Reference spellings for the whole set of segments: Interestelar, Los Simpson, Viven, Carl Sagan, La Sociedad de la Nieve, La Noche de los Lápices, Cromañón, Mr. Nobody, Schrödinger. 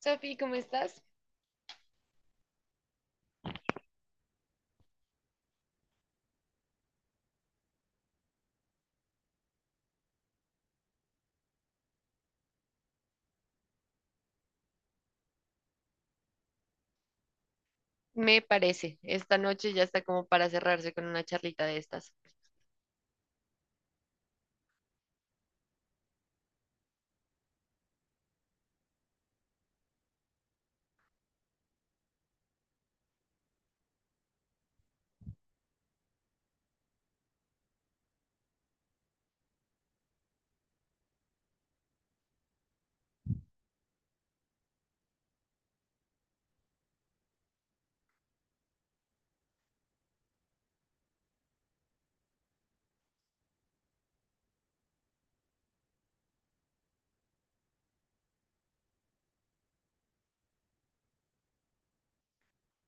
Sofi, ¿cómo estás? Me parece, esta noche ya está como para cerrarse con una charlita de estas.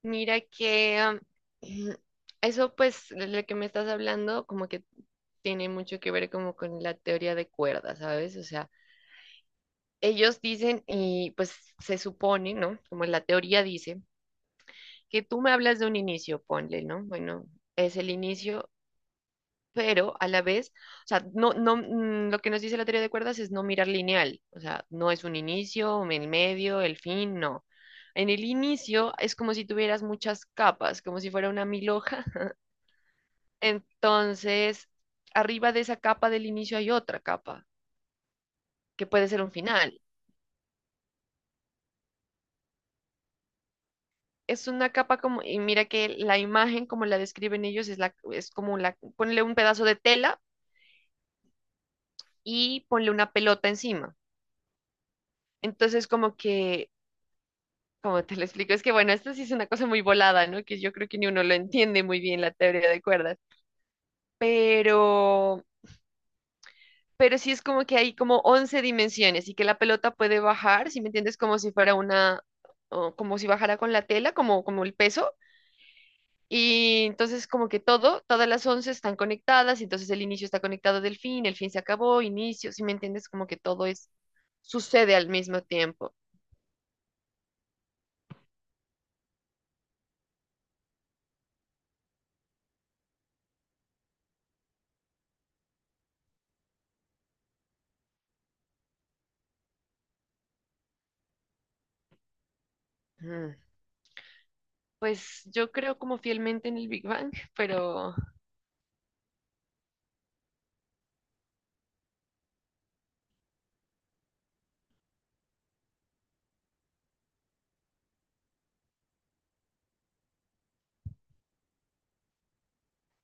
Mira que eso pues de lo que me estás hablando como que tiene mucho que ver como con la teoría de cuerdas, ¿sabes? O sea, ellos dicen y pues se supone, ¿no? Como la teoría dice, que tú me hablas de un inicio, ponle, ¿no? Bueno, es el inicio pero a la vez, o sea, no, lo que nos dice la teoría de cuerdas es no mirar lineal, o sea, no es un inicio, el medio, el fin, no. En el inicio es como si tuvieras muchas capas, como si fuera una mil hoja. Entonces, arriba de esa capa del inicio hay otra capa, que puede ser un final. Es una capa como, y mira que la imagen, como la describen ellos, es, es como ponle un pedazo de tela y ponle una pelota encima. Entonces, como que como te lo explico? Es que, bueno, esto sí es una cosa muy volada, ¿no? Que yo creo que ni uno lo entiende muy bien la teoría de cuerdas, pero, pero sí es como que hay como 11 dimensiones y que la pelota puede bajar, ¿si me entiendes? Como si fuera una, o como si bajara con la tela, como, como el peso. Y entonces como que todo, todas las 11 están conectadas, y entonces el inicio está conectado del fin, el fin se acabó, inicio, ¿si me entiendes? Como que todo es, sucede al mismo tiempo. Mm. Pues yo creo como fielmente en el Big Bang, pero…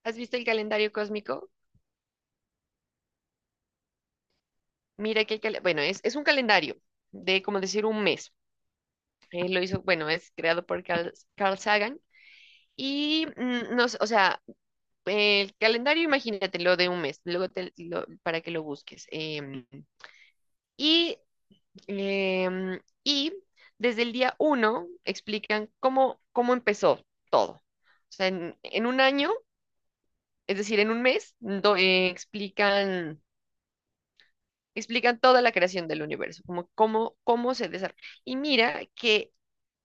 ¿Has visto el calendario cósmico? Mira que, bueno, es un calendario de, como decir, un mes. Él lo hizo, bueno, es creado por Carl Sagan. Y, mm, no, sé, o sea, el calendario, imagínatelo de un mes, para que lo busques. Y, y desde el día uno explican cómo, cómo empezó todo. O sea, en un año, es decir, en un mes, explican toda la creación del universo, como cómo, cómo se desarrolla. Y mira que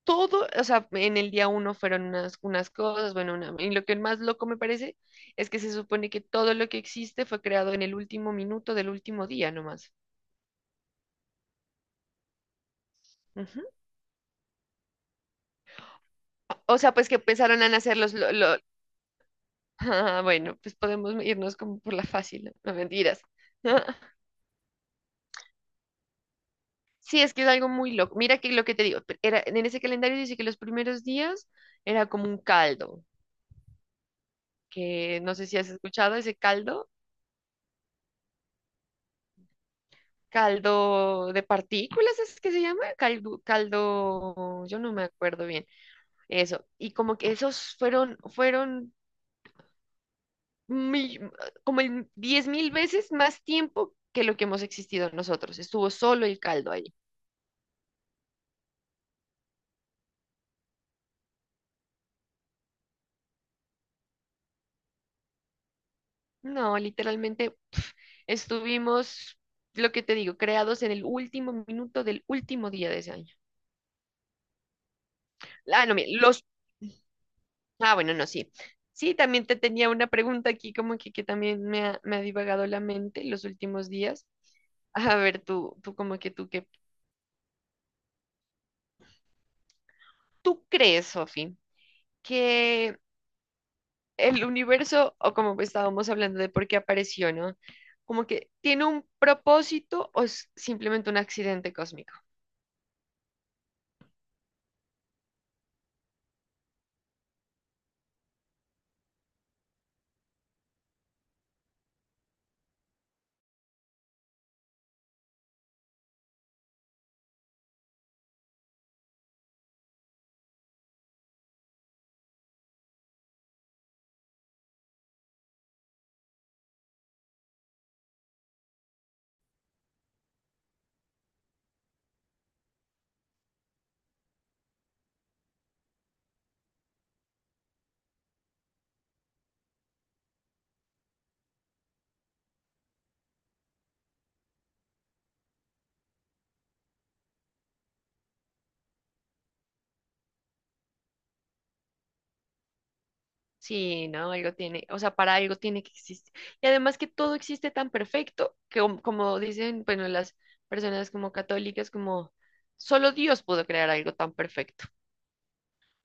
todo, o sea, en el día uno fueron unas, unas cosas, y lo que más loco me parece es que se supone que todo lo que existe fue creado en el último minuto del último día nomás. Ujú. O sea, pues que empezaron a nacer los… Ah, bueno, pues podemos irnos como por la fácil, no, no, mentiras. Sí, es que es algo muy loco. Mira que lo que te digo, era, en ese calendario dice que los primeros días era como un caldo, que no sé si has escuchado ese caldo, caldo de partículas, ¿es que se llama? Caldo, caldo, yo no me acuerdo bien, eso. Y como que esos fueron mi- como el diez mil veces más tiempo que lo que hemos existido nosotros. Estuvo solo el caldo ahí. No, literalmente pf, estuvimos, lo que te digo, creados en el último minuto del último día de ese año. Ah, no, mira, los ah, bueno, no, sí. Sí, también te tenía una pregunta aquí, como que también me ha divagado la mente los últimos días. A ver, tú como que tú crees, Sofi, que el universo, o como estábamos hablando de por qué apareció, ¿no? Como que tiene un propósito o es simplemente un accidente cósmico. Sí, no, algo tiene, o sea, para algo tiene que existir. Y además que todo existe tan perfecto que como, como dicen, bueno, las personas como católicas, como solo Dios pudo crear algo tan perfecto,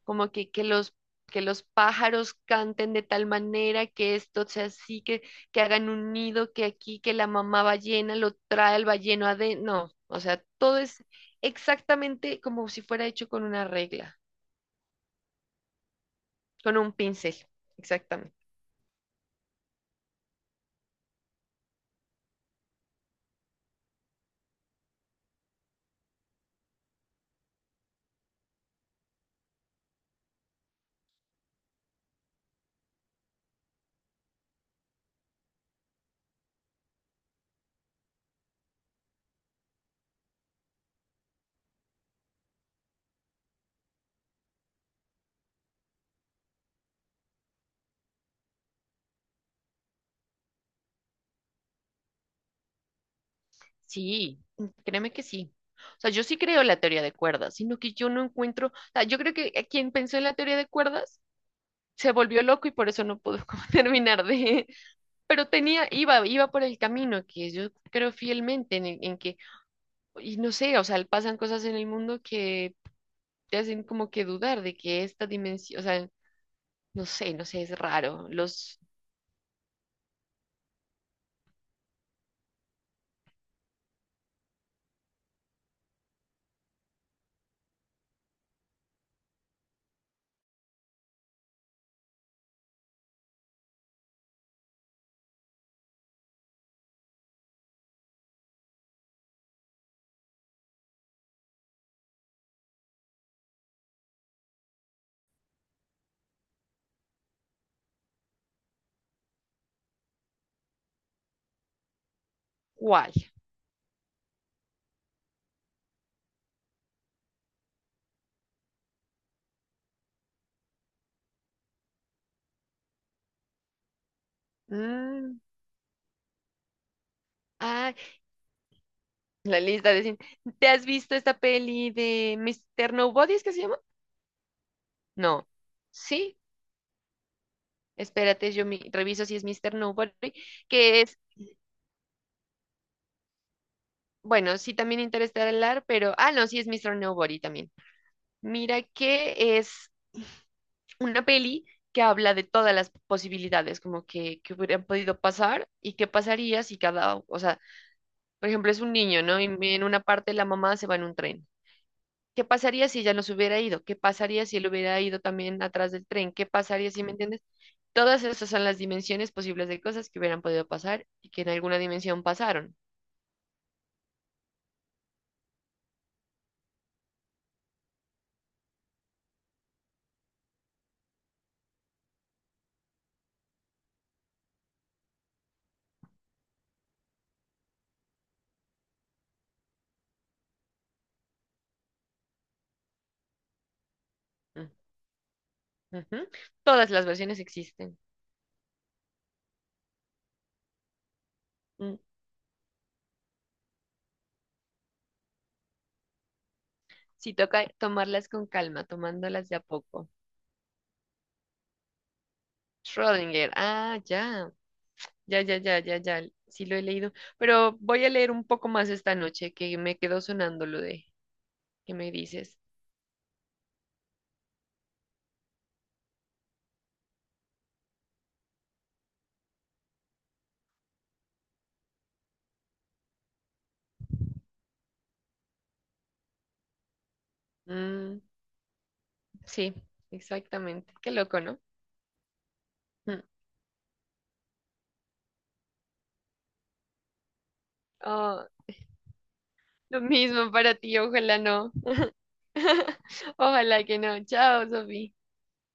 como que, que los pájaros canten de tal manera que esto sea así, que hagan un nido, que aquí, que la mamá ballena lo trae al balleno adentro. No, o sea, todo es exactamente como si fuera hecho con una regla, con un pincel, exactamente. Sí, mm, créeme que sí. O sea, yo sí creo en la teoría de cuerdas, sino que yo no encuentro, o sea, yo creo que quien pensó en la teoría de cuerdas se volvió loco y por eso no pudo como terminar de, pero tenía, iba por el camino que yo creo fielmente en, en que, y no sé, o sea, pasan cosas en el mundo que te hacen como que dudar de que esta dimensión, o sea, no sé, es raro. Los guay. Mm, ay, la lista de cine. ¿Te has visto esta peli de Mister Nobody? ¿Es que se llama? No, sí, espérate, reviso si es Mr. Nobody, que es, bueno, sí también Interestelar, pero, ah, no, sí es Mr. Nobody también. Mira que es una peli que habla de todas las posibilidades, como que hubieran podido pasar y qué pasaría si cada, o sea, por ejemplo, es un niño, ¿no? Y en una parte la mamá se va en un tren. ¿Qué pasaría si ella no se hubiera ido? ¿Qué pasaría si él hubiera ido también atrás del tren? ¿Qué pasaría si, me entiendes? Todas esas son las dimensiones posibles de cosas que hubieran podido pasar y que en alguna dimensión pasaron. Mm, ujú. Todas las versiones existen. Mm. Sí toca tomarlas con calma, tomándolas de a poco. Schrödinger. Ah, ya. Ya, ya, ya, ya, ya. Sí lo he leído. Pero voy a leer un poco más esta noche, que me quedó sonando lo de que me dices. Mm, sí, exactamente. Qué loco, ¿no? Mm. Oh, lo mismo para ti, ojalá no. Ojalá que no. Chao, Sofía.